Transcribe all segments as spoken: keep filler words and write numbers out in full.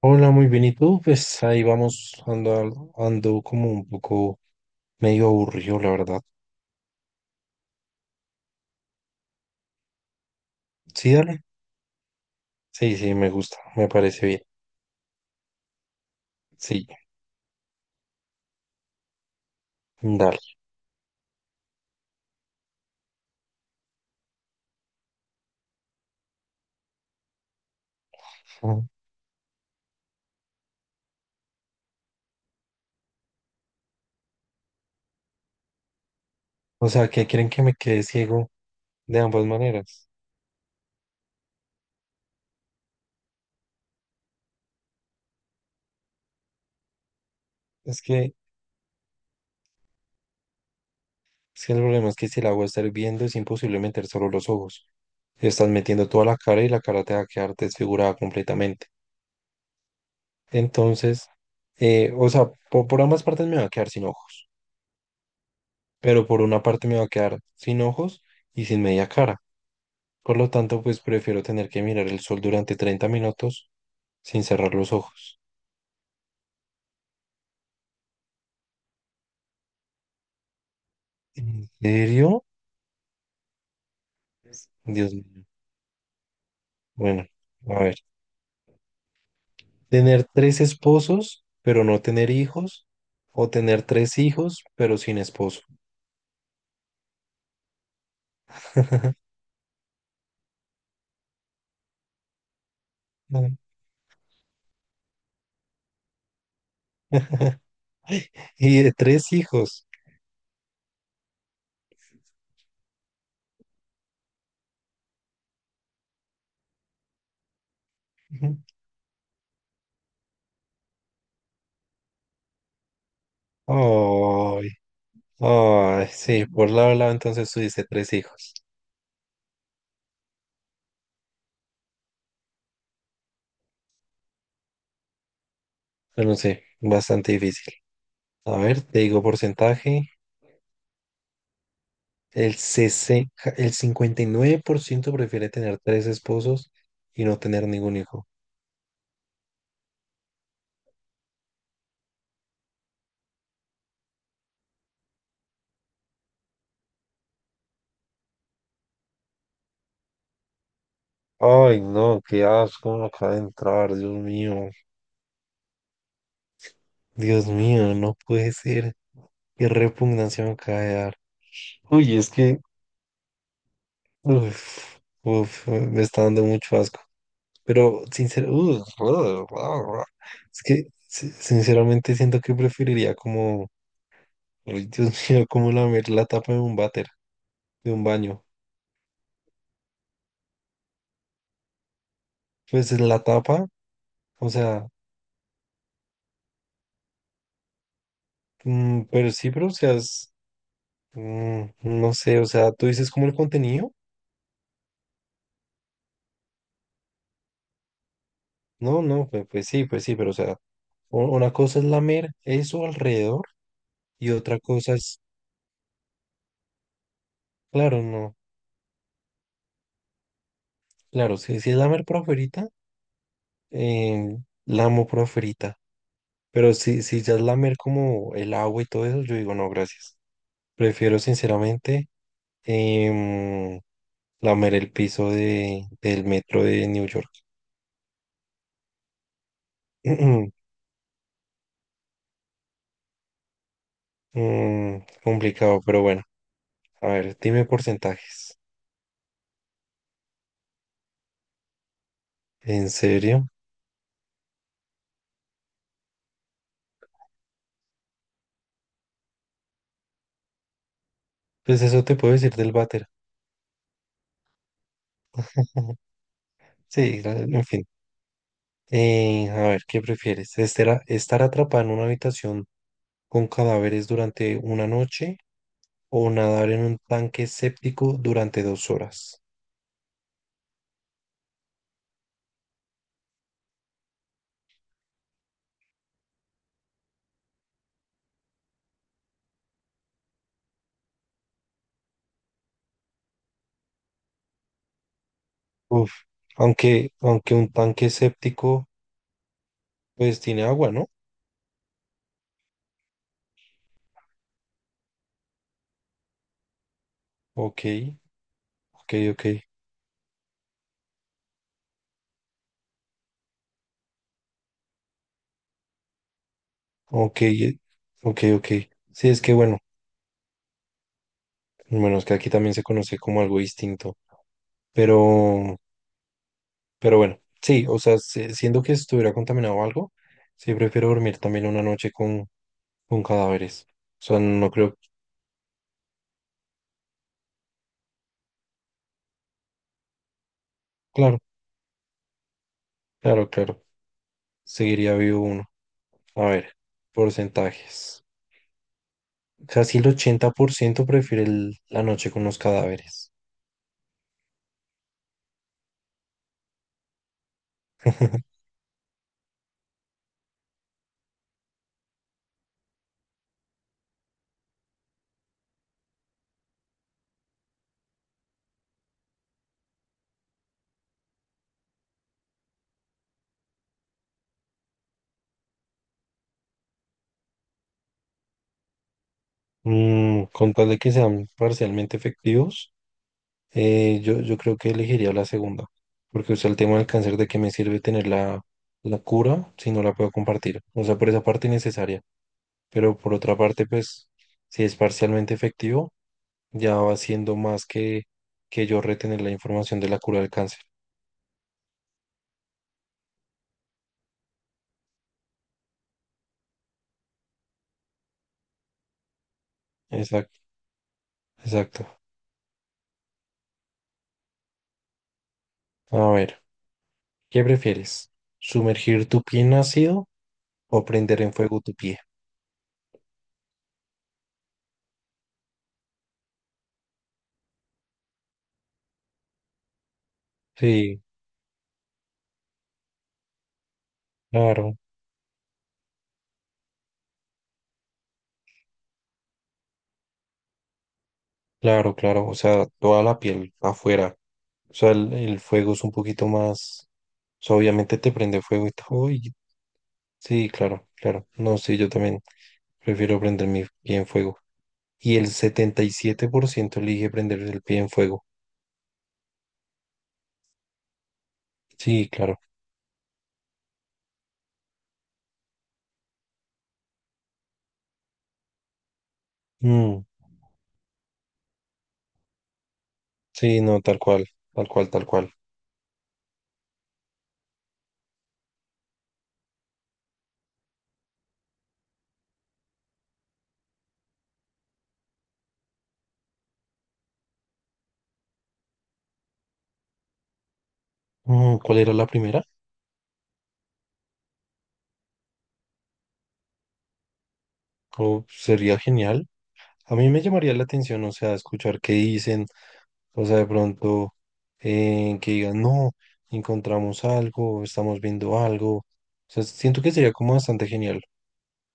Hola, muy bien. ¿Y tú? Pues ahí vamos, ando, al- ando como un poco medio aburrido, la verdad. Sí, dale. Sí, sí, me gusta, me parece bien. Sí, dale. Ujú. O sea, que quieren que me quede ciego de ambas maneras. Es que, es que el problema es que si el agua está hirviendo es imposible meter solo los ojos. Estás metiendo toda la cara y la cara te va a quedar desfigurada completamente. Entonces, eh, o sea, po- por ambas partes me va a quedar sin ojos, pero por una parte me va a quedar sin ojos y sin media cara. Por lo tanto, pues prefiero tener que mirar el sol durante treinta minutos sin cerrar los ojos. ¿En serio? Dios mío. Bueno, a ver. Tener tres esposos, pero no tener hijos. O tener tres hijos, pero sin esposo. Y de tres hijos. Ay, ay, sí, por lado a lado entonces tú dices tres hijos. Pero no sé, bastante difícil. A ver, te digo porcentaje. El, sesenta el cincuenta y nueve por ciento prefiere tener tres esposos y no tener ningún hijo. Ay, no, qué asco me acaba de entrar, Dios mío. Dios mío, no puede ser. Qué repugnancia me acaba de dar. Uy, es que, uf, uf, me está dando mucho asco. Pero, sinceramente, es que, si- sinceramente, siento que preferiría como, ay, Dios mío, como lamer la tapa de un váter, de un baño. Pues la tapa, o sea. Mm, pero sí, pero o sea, es- mm, no sé, o sea, tú dices como el contenido. No, no, pues, pues sí, pues sí, pero o sea, u- una cosa es lamer eso alrededor y otra cosa es, claro, no, claro, si, si es lamer por afuerita, eh, lamo por afuerita. Pero si, si ya es lamer como el agua y todo eso, yo digo, no, gracias. Prefiero sinceramente em, lamer el piso de, del metro de New York. Mm, complicado, pero bueno. A ver, dime porcentajes. ¿En serio? Pues eso te puedo decir del váter. Sí, la- en fin. Eh, a ver, ¿qué prefieres? ¿Estar, ¿estar atrapado en una habitación con cadáveres durante una noche o nadar en un tanque séptico durante dos horas? Uf, aunque, aunque un tanque séptico, pues tiene agua, ¿no? Ok, ok, ok, ok, eh, ok, ok. Sí, es que bueno, bueno, es que aquí también se conoce como algo distinto, pero Pero bueno, sí, o sea, si- siendo que estuviera contaminado o algo, sí prefiero dormir también una noche con, con cadáveres. O sea, no creo. Claro, claro, claro. Seguiría vivo uno. A ver, porcentajes. Casi el ochenta por ciento prefiere el- la noche con los cadáveres. Mm, con tal de que sean parcialmente efectivos, eh, yo, yo creo que elegiría la segunda. Porque, o sea, el tema del cáncer, ¿de qué me sirve tener la, la cura si no la puedo compartir? O sea, por esa parte innecesaria. Pero por otra parte, pues si es parcialmente efectivo, ya va siendo más que, que yo retener la información de la cura del cáncer. Exacto, exacto. A ver, ¿qué prefieres? ¿Sumergir tu pie en ácido o prender en fuego tu pie? Sí, claro, claro, claro. O sea, toda la piel afuera. O sea, el, el fuego es un poquito más... o sea, obviamente te prende fuego y todo. y- Sí, claro, claro. No, sí, yo también prefiero prender mi pie en fuego. Y el setenta y siete por ciento elige prender el pie en fuego. Sí, claro. Mm, sí, no, tal cual, tal cual, tal cual. Mm, ¿cuál era la primera? Oh, sería genial. A mí me llamaría la atención, o sea, escuchar qué dicen, o sea, de pronto eh, que digan, no, encontramos algo, estamos viendo algo. O sea, siento que sería como bastante genial,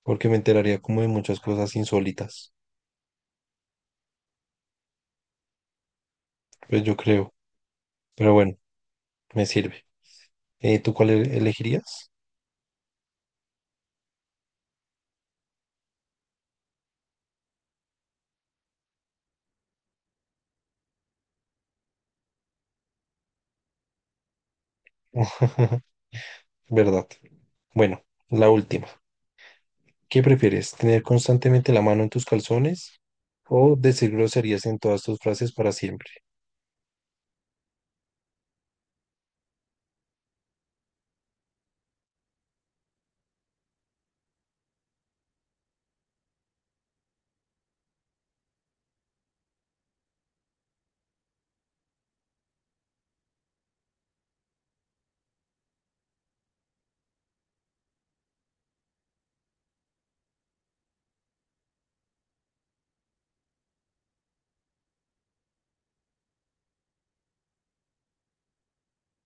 porque me enteraría como de muchas cosas insólitas. Pues yo creo, pero bueno, me sirve. Eh, ¿tú cuál e- elegirías? ¿Verdad? Bueno, la última. ¿Qué prefieres? ¿Tener constantemente la mano en tus calzones o decir groserías en todas tus frases para siempre?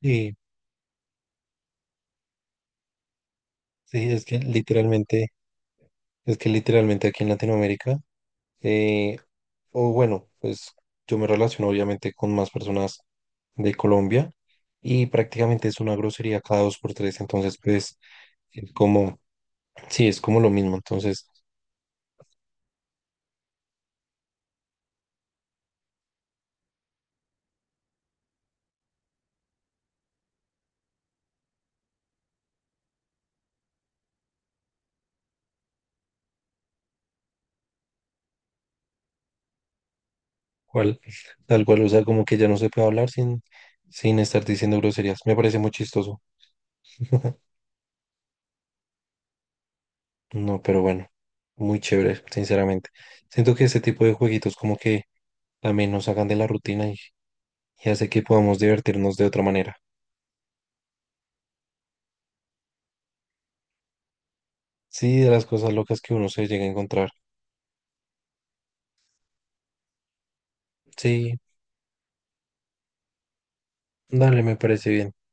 Y sí, es que literalmente, es que literalmente aquí en Latinoamérica, eh, o bueno, pues yo me relaciono obviamente con más personas de Colombia y prácticamente es una grosería cada dos por tres, entonces pues es como, sí, es como lo mismo, entonces cual, tal cual, o sea, como que ya no se puede hablar sin, sin estar diciendo groserías. Me parece muy chistoso. No, pero bueno, muy chévere, sinceramente. Siento que este tipo de jueguitos como que también nos sacan de la rutina y, y hace que podamos divertirnos de otra manera. Sí, de las cosas locas que uno se llega a encontrar. Sí, dale, me parece bien.